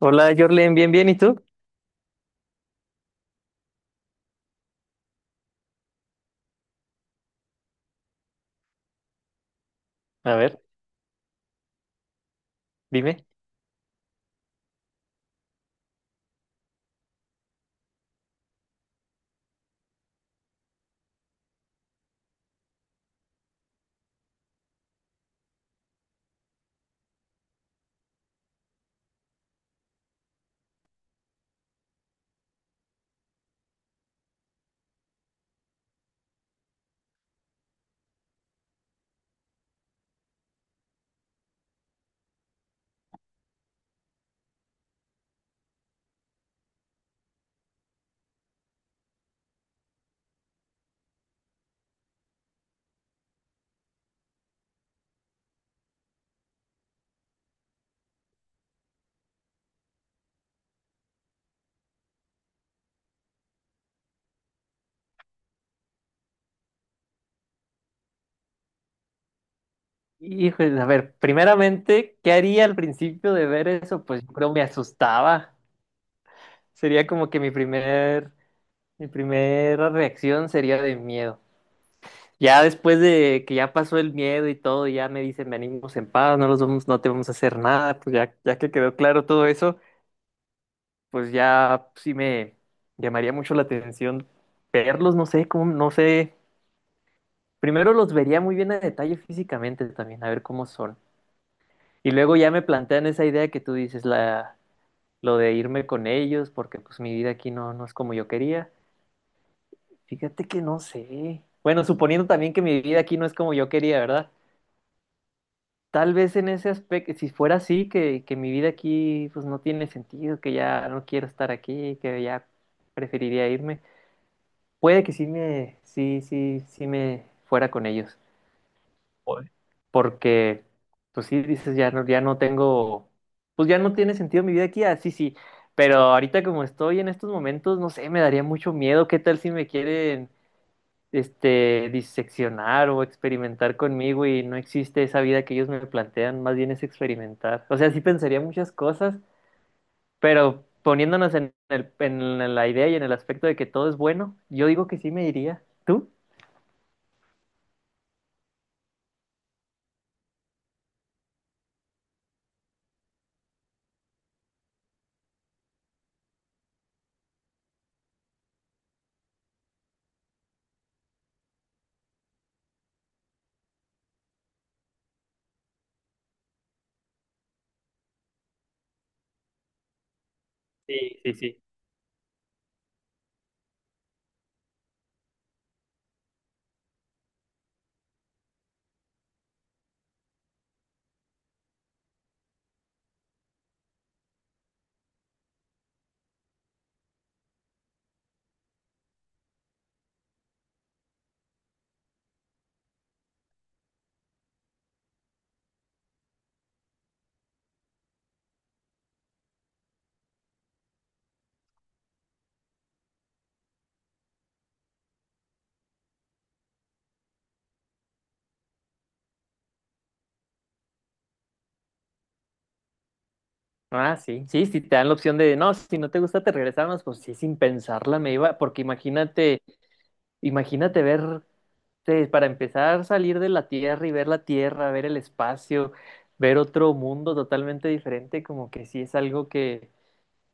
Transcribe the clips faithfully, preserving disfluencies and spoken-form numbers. Hola, Jorlen, bien, bien, ¿y tú? A ver, dime. Hijo, a ver, primeramente, ¿qué haría al principio de ver eso? Pues yo creo me asustaba. Sería como que mi primer, mi primera reacción sería de miedo. Ya después de que ya pasó el miedo y todo, ya me dicen, venimos en paz, no los vamos, no te vamos a hacer nada, pues ya, ya que quedó claro todo eso, pues ya sí me llamaría mucho la atención verlos, no sé, cómo, no sé. Primero los vería muy bien a detalle físicamente también, a ver cómo son. Y luego ya me plantean esa idea que tú dices, la, lo de irme con ellos, porque pues mi vida aquí no, no es como yo quería. Fíjate que no sé. Bueno, suponiendo también que mi vida aquí no es como yo quería, ¿verdad? Tal vez en ese aspecto, si fuera así, que, que mi vida aquí pues no tiene sentido, que ya no quiero estar aquí, que ya preferiría irme. Puede que sí me, sí, sí, sí me fuera con ellos. Joder. Porque, pues sí, dices, ya no, ya no tengo, pues ya no tiene sentido mi vida aquí, así sí, sí, pero ahorita como estoy en estos momentos, no sé, me daría mucho miedo, ¿qué tal si me quieren, este, diseccionar o experimentar conmigo y no existe esa vida que ellos me plantean, más bien es experimentar? O sea, sí pensaría muchas cosas, pero poniéndonos en el- en la idea y en el aspecto de que todo es bueno, yo digo que sí me iría. ¿Tú? Sí, sí, sí. Ah, sí, sí, si te dan la opción de, no, si no te gusta te regresamos, pues sí, sin pensarla me iba, porque imagínate, imagínate ver, te- para empezar salir de la Tierra y ver la Tierra, ver el espacio, ver otro mundo totalmente diferente, como que sí es algo que,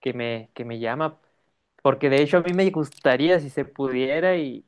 que me, que me llama, porque de hecho a mí me gustaría si se pudiera y,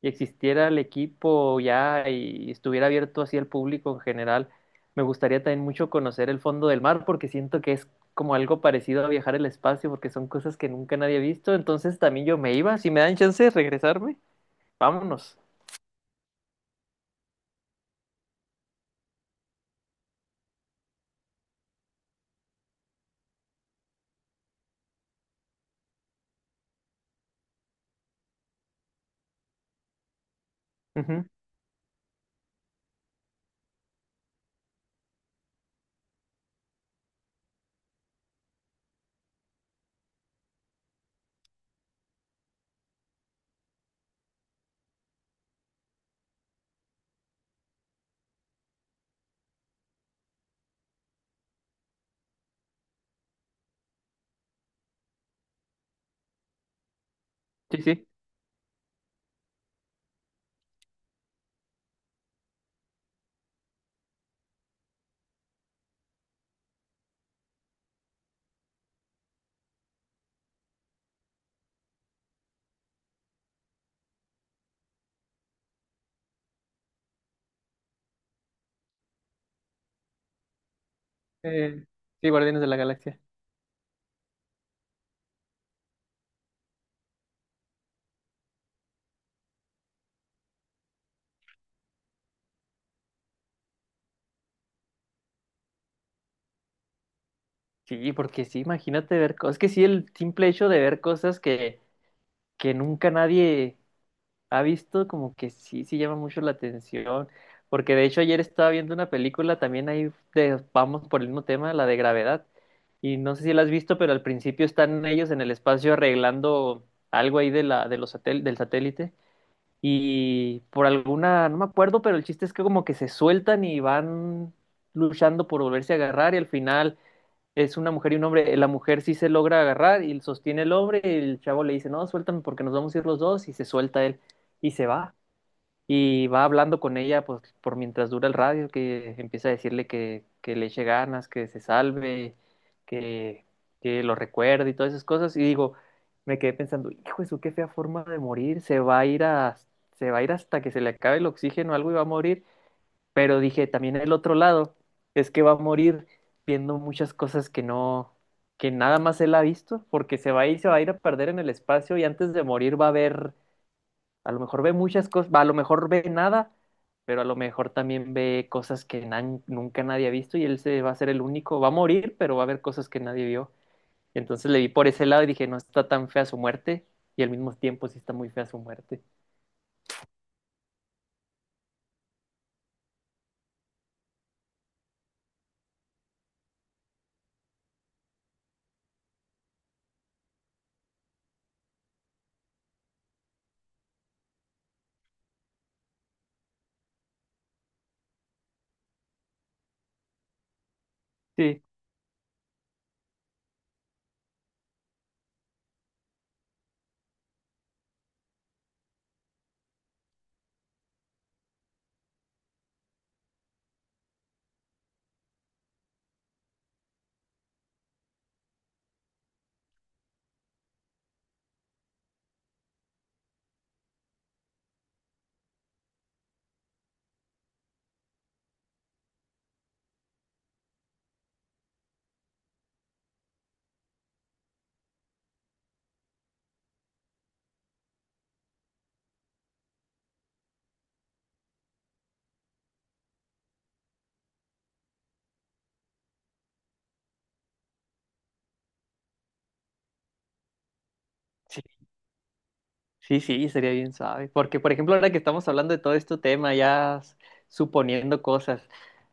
y existiera el equipo ya y estuviera abierto así al público en general, me gustaría también mucho conocer el fondo del mar porque siento que es como algo parecido a viajar el espacio porque son cosas que nunca nadie ha visto, entonces también yo me iba, si me dan chance de regresarme, vámonos. Ujú. Sí, sí. Eh, sí, Guardianes de la Galaxia. Sí, porque sí, imagínate ver cosas, es que sí, el simple hecho de ver cosas que, que nunca nadie ha visto como que sí, sí llama mucho la atención, porque de hecho ayer estaba viendo una película también ahí de, vamos por el mismo tema, la de Gravedad, y no sé si la has visto, pero al principio están ellos en el espacio arreglando algo ahí de la, de los satel- del satélite, y por alguna, no me acuerdo, pero el chiste es que como que se sueltan y van luchando por volverse a agarrar, y al final es una mujer y un hombre. La mujer sí se logra agarrar y sostiene el hombre. Y el chavo le dice, no, suéltame porque nos vamos a ir los dos. Y se suelta él y se va. Y va hablando con ella pues, por mientras dura el radio, que empieza a decirle que, que le eche ganas, que se salve, que, que lo recuerde y todas esas cosas. Y digo, me quedé pensando, hijo, eso qué fea forma de morir. Se va a ir a, se va a ir hasta que se le acabe el oxígeno o algo y va a morir. Pero dije, también el otro lado es que va a morir viendo muchas cosas que no, que nada más él ha visto, porque se va a ir, se va a ir a perder en el espacio y antes de morir va a ver, a lo mejor ve muchas cosas, va, a lo mejor ve nada, pero a lo mejor también ve cosas que nan- nunca nadie ha visto y él se va a ser el único, va a morir, pero va a ver cosas que nadie vio. Entonces le vi por ese lado y dije, no está tan fea su muerte y al mismo tiempo sí está muy fea su muerte. Sí. Sí, sí, sería bien suave. Porque, por ejemplo, ahora que estamos hablando de todo este tema, ya s- suponiendo cosas,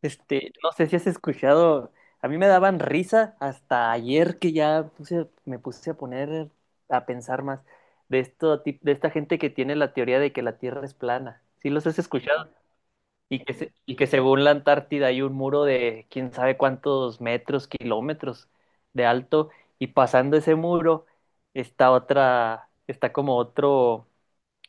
este, no sé si has escuchado, a mí me daban risa hasta ayer que ya puse- me puse a poner a pensar más de esto, ti- de esta gente que tiene la teoría de que la Tierra es plana. ¿Sí los has escuchado? Y que, se- y que según la Antártida hay un muro de quién sabe cuántos metros, kilómetros de alto, y pasando ese muro está otra, está como otro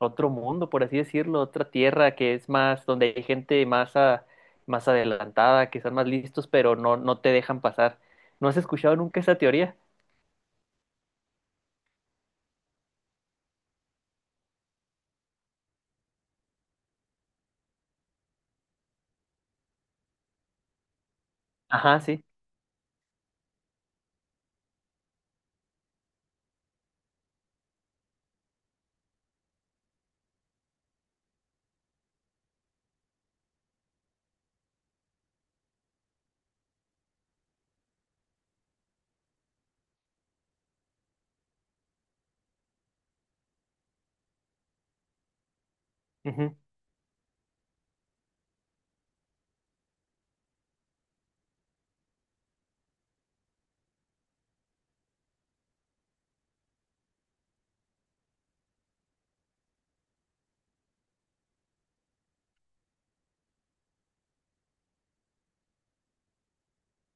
otro mundo, por así decirlo, otra tierra que es más, donde hay gente más, a- más adelantada, que están más listos, pero no, no te dejan pasar. ¿No has escuchado nunca esa teoría? Ajá, sí. Ujú.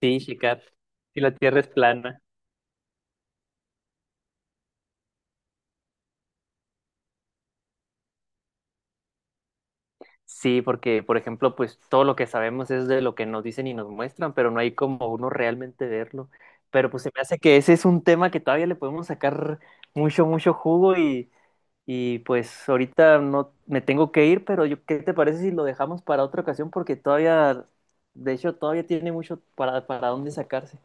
Sí, checar. Si la tierra es plana. Sí, porque, por ejemplo, pues todo lo que sabemos es de lo que nos dicen y nos muestran, pero no hay como uno realmente verlo. Pero pues se me hace que ese es un tema que todavía le podemos sacar mucho, mucho jugo y. Y pues ahorita no me tengo que ir, pero yo, ¿qué te parece si lo dejamos para otra ocasión? Porque todavía, de hecho, todavía tiene mucho para, para dónde sacarse.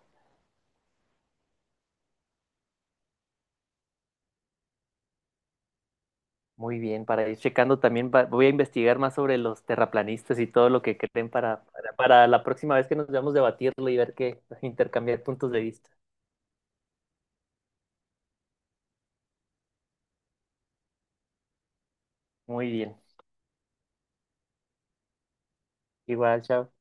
Muy bien, para ir checando también, va- voy a investigar más sobre los terraplanistas y todo lo que creen para, para, para la próxima vez que nos veamos debatirlo y ver qué, intercambiar puntos de vista. Muy bien, igual, chao.